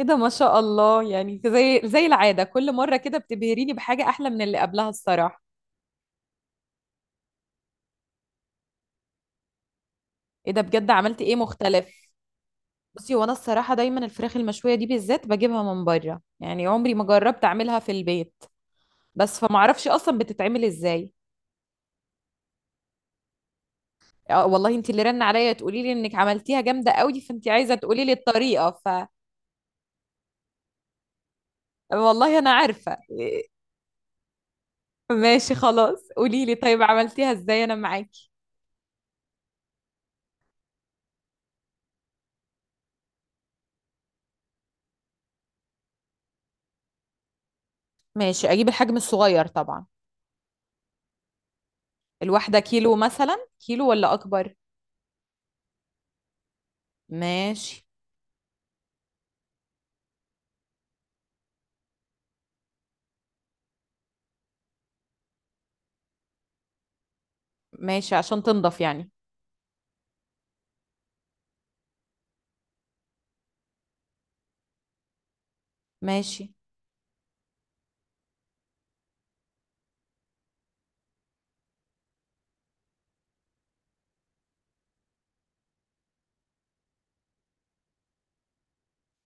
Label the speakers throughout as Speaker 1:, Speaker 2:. Speaker 1: ايه ده، ما شاء الله. يعني زي العادة كل مرة كده بتبهريني بحاجة أحلى من اللي قبلها الصراحة. ايه ده بجد، عملتي ايه مختلف؟ بصي، وانا الصراحة دايما الفراخ المشوية دي بالذات بجيبها من بره، يعني عمري ما جربت اعملها في البيت. بس فما اعرفش اصلا بتتعمل ازاي. آه، والله انت اللي رن عليا تقولي لي انك عملتيها جامدة قوي، فانت عايزة تقولي لي الطريقة والله انا عارفة. إيه، ماشي خلاص، قولي لي طيب عملتيها ازاي، انا معاكي. ماشي اجيب الحجم الصغير طبعا. الواحدة كيلو مثلا؟ كيلو ولا اكبر؟ ماشي. ماشي عشان تنضف يعني. ماشي.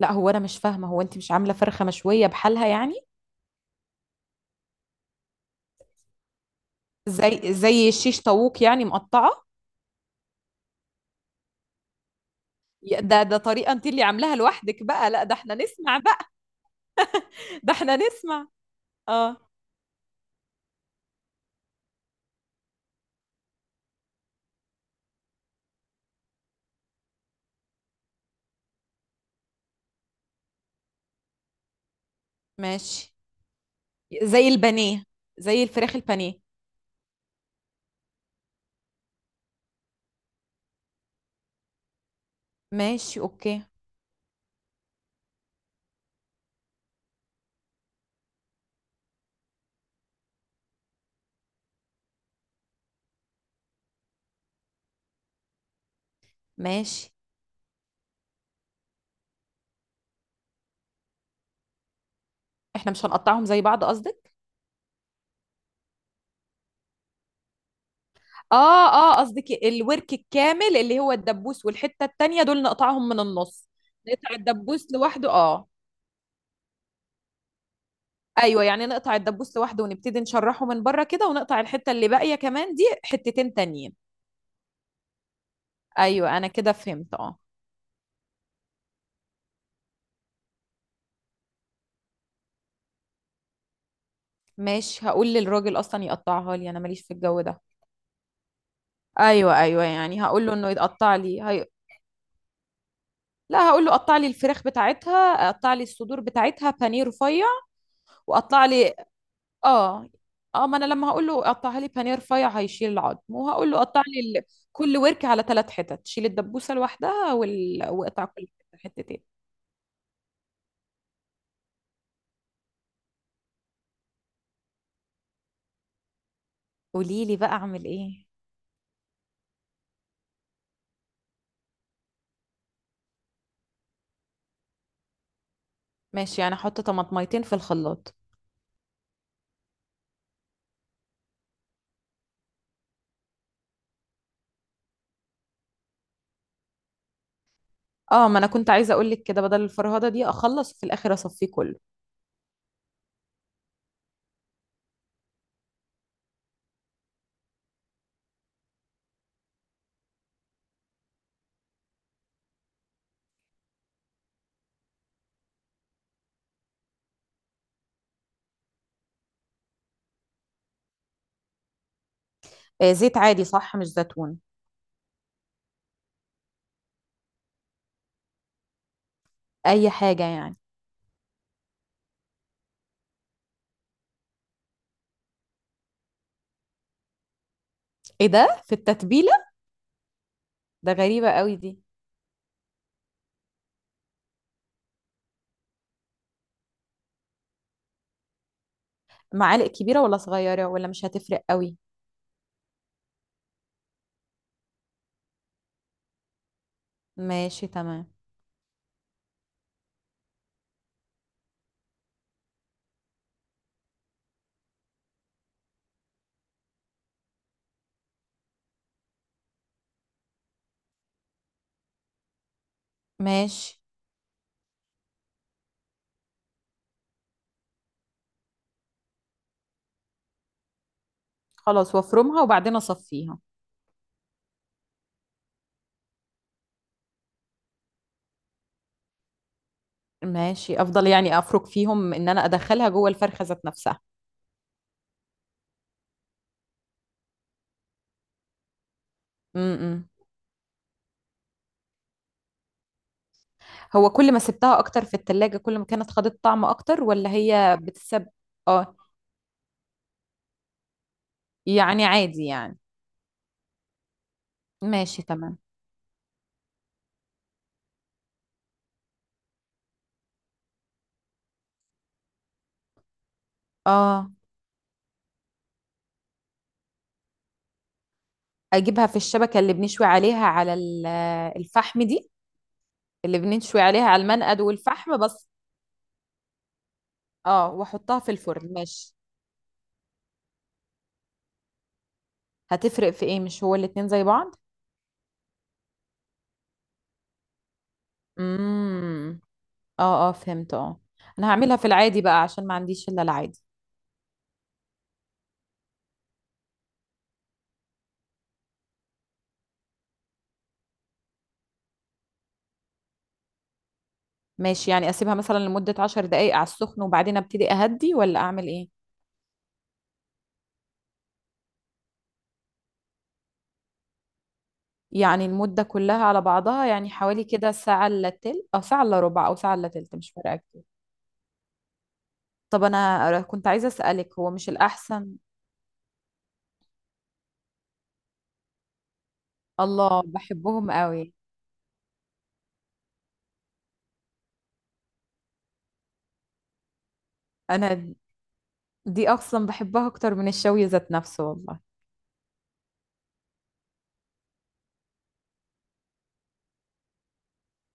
Speaker 1: لا، هو انا مش فاهمه، هو انت مش عامله فرخه مشويه بحالها يعني؟ زي الشيش طاووق يعني مقطعه؟ ده طريقه انت اللي عاملاها لوحدك بقى، لا ده احنا نسمع بقى. ده احنا نسمع. اه. ماشي. زي البانيه. زي الفراخ البانيه. ماشي اوكي. ماشي. احنا مش هنقطعهم زي بعض قصدك؟ اه اه، قصدك الورك الكامل اللي هو الدبوس والحته التانيه، دول نقطعهم من النص. نقطع الدبوس لوحده، اه. ايوه، يعني نقطع الدبوس لوحده ونبتدي نشرحه من بره كده، ونقطع الحته اللي باقيه كمان دي حتتين تانيين. ايوه انا كده فهمت، اه. ماشي، هقول للراجل اصلا يقطعها لي، انا ماليش في الجو ده. ايوه ايوه، يعني هقول له انه يقطع لي لا، هقول له قطع لي الفراخ بتاعتها، قطع لي الصدور بتاعتها بانيه رفيع. وقطع لي، اه اه، ما انا لما هقول له قطعها لي بانيه رفيع هيشيل العظم، وهقول له قطع لي كل ورك على 3 حتت، شيل الدبوسه لوحدها، واقطع كل حته حتتين. قولي لي بقى، اعمل ايه؟ ماشي، يعني احط طماطميتين في الخلاط؟ اه، ما انا كنت عايزه اقول لك كده، بدل الفرهده دي اخلص في الاخر اصفيه كله. آه، زيت عادي صح، مش زيتون؟ اي حاجه يعني. ايه ده في التتبيله؟ ده غريبه قوي دي. معالق كبيره ولا صغيره ولا مش هتفرق قوي؟ ماشي تمام. ماشي. خلاص، وافرمها وبعدين اصفيها. ماشي. افضل يعني افرك فيهم ان انا ادخلها جوه الفرخه ذات نفسها؟ امم هو كل ما سبتها اكتر في التلاجة كل ما كانت خدت طعم اكتر، ولا هي بتسب؟ اه. يعني عادي يعني. ماشي تمام. اه. اجيبها في الشبكة اللي بنشوي عليها على الفحم دي، اللي بنشوي عليها على المنقد والفحم بس؟ اه، واحطها في الفرن ماشي. هتفرق في ايه؟ مش هو الاتنين زي بعض؟ امم اه اه، فهمت، اه. انا هعملها في العادي بقى عشان ما عنديش الا العادي. ماشي، يعني اسيبها مثلا لمدة 10 دقايق على السخن وبعدين ابتدي اهدي، ولا اعمل ايه؟ يعني المدة كلها على بعضها يعني حوالي كده ساعة الا تلت او ساعة الا ربع، او ساعة الا تلت مش فارقة. طب انا كنت عايزة اسألك، هو مش الاحسن. الله، بحبهم قوي. انا دي اصلا بحبها اكتر من الشوي ذات نفسه والله.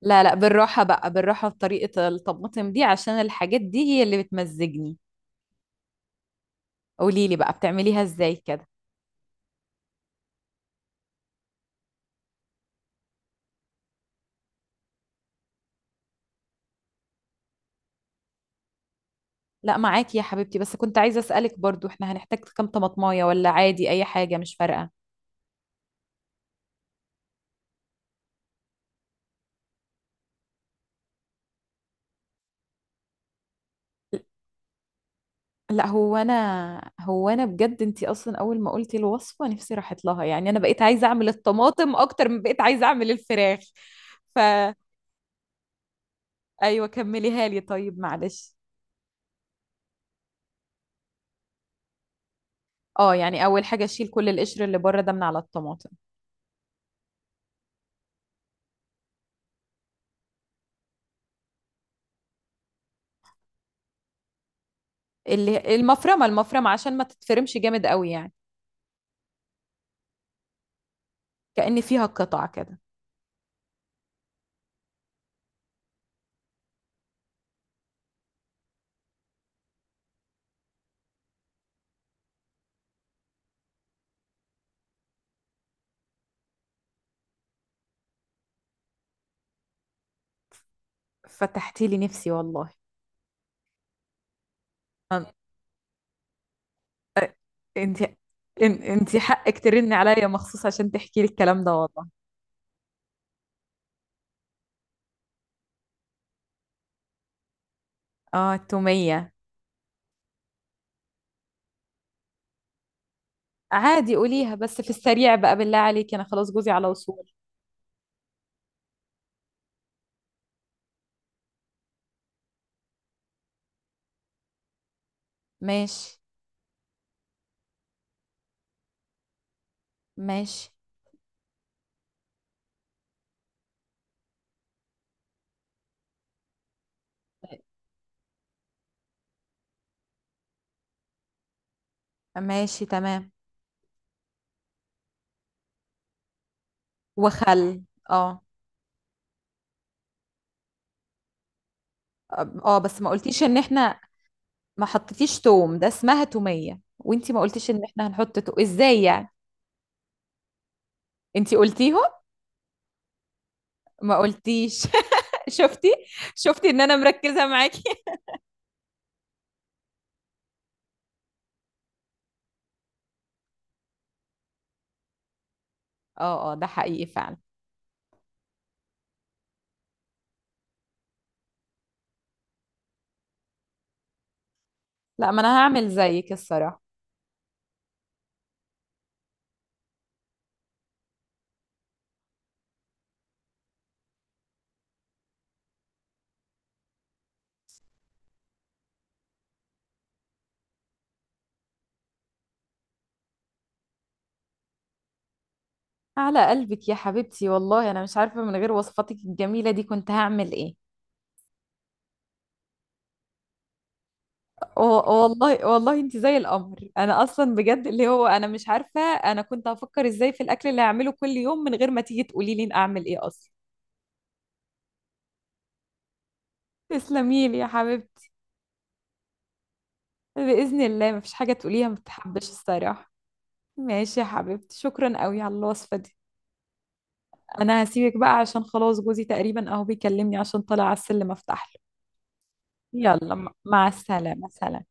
Speaker 1: لا لا، بالراحة بقى، بالراحة بطريقة الطماطم دي، عشان الحاجات دي هي اللي بتمزجني. قولي لي بقى بتعمليها ازاي كده. لا، معاكي يا حبيبتي، بس كنت عايزة اسألك برضو احنا هنحتاج كام طماطماية، ولا عادي اي حاجة مش فارقة؟ لا، هو انا بجد انتي اصلا اول ما قلتي الوصفه نفسي راحت لها، يعني انا بقيت عايزه اعمل الطماطم اكتر من بقيت عايزه اعمل الفراخ. فا ايوه كمليها لي طيب معلش. اه، يعني اول حاجه اشيل كل القشر اللي بره ده من على الطماطم. اللي المفرمه عشان ما تتفرمش جامد قوي يعني. كأن فيها قطع كده. فتحتي لي نفسي والله. أن- انتي، انتي حقك ترني عليا مخصوص عشان تحكي لي الكلام ده والله. اه، التوميه. عادي قوليها بس في السريع بقى بالله عليكي، انا خلاص جوزي على وصول. ماشي. ماشي. ماشي تمام. وخل. اه اه. آه، بس ما قلتيش ان احنا، ما حطيتيش توم، ده اسمها تومية وانتي ما قلتيش ان احنا هنحط تو ازاي يعني. انتي قلتيهم؟ ما قلتيش. شفتي؟ شفتي ان انا مركزة معاكي. اه اه ده حقيقي فعلا. لا ما انا هعمل زيك الصراحة. على قلبك يا حبيبتي، والله انا مش عارفة من غير وصفاتك الجميلة دي كنت هعمل ايه. و- والله والله انت زي القمر، انا اصلا بجد اللي هو انا مش عارفه انا كنت هفكر ازاي في الاكل اللي هعمله كل يوم من غير ما تيجي تقولي لي اعمل ايه اصلا. تسلمي لي يا حبيبتي. باذن الله مفيش حاجه تقوليها ما بتحبش الصراحه. ماشي يا حبيبتي، شكرا قوي على الوصفه دي. انا هسيبك بقى عشان خلاص جوزي تقريبا اهو بيكلمني عشان طالع على السلم افتح له. يلا، مع السلامه، سلام.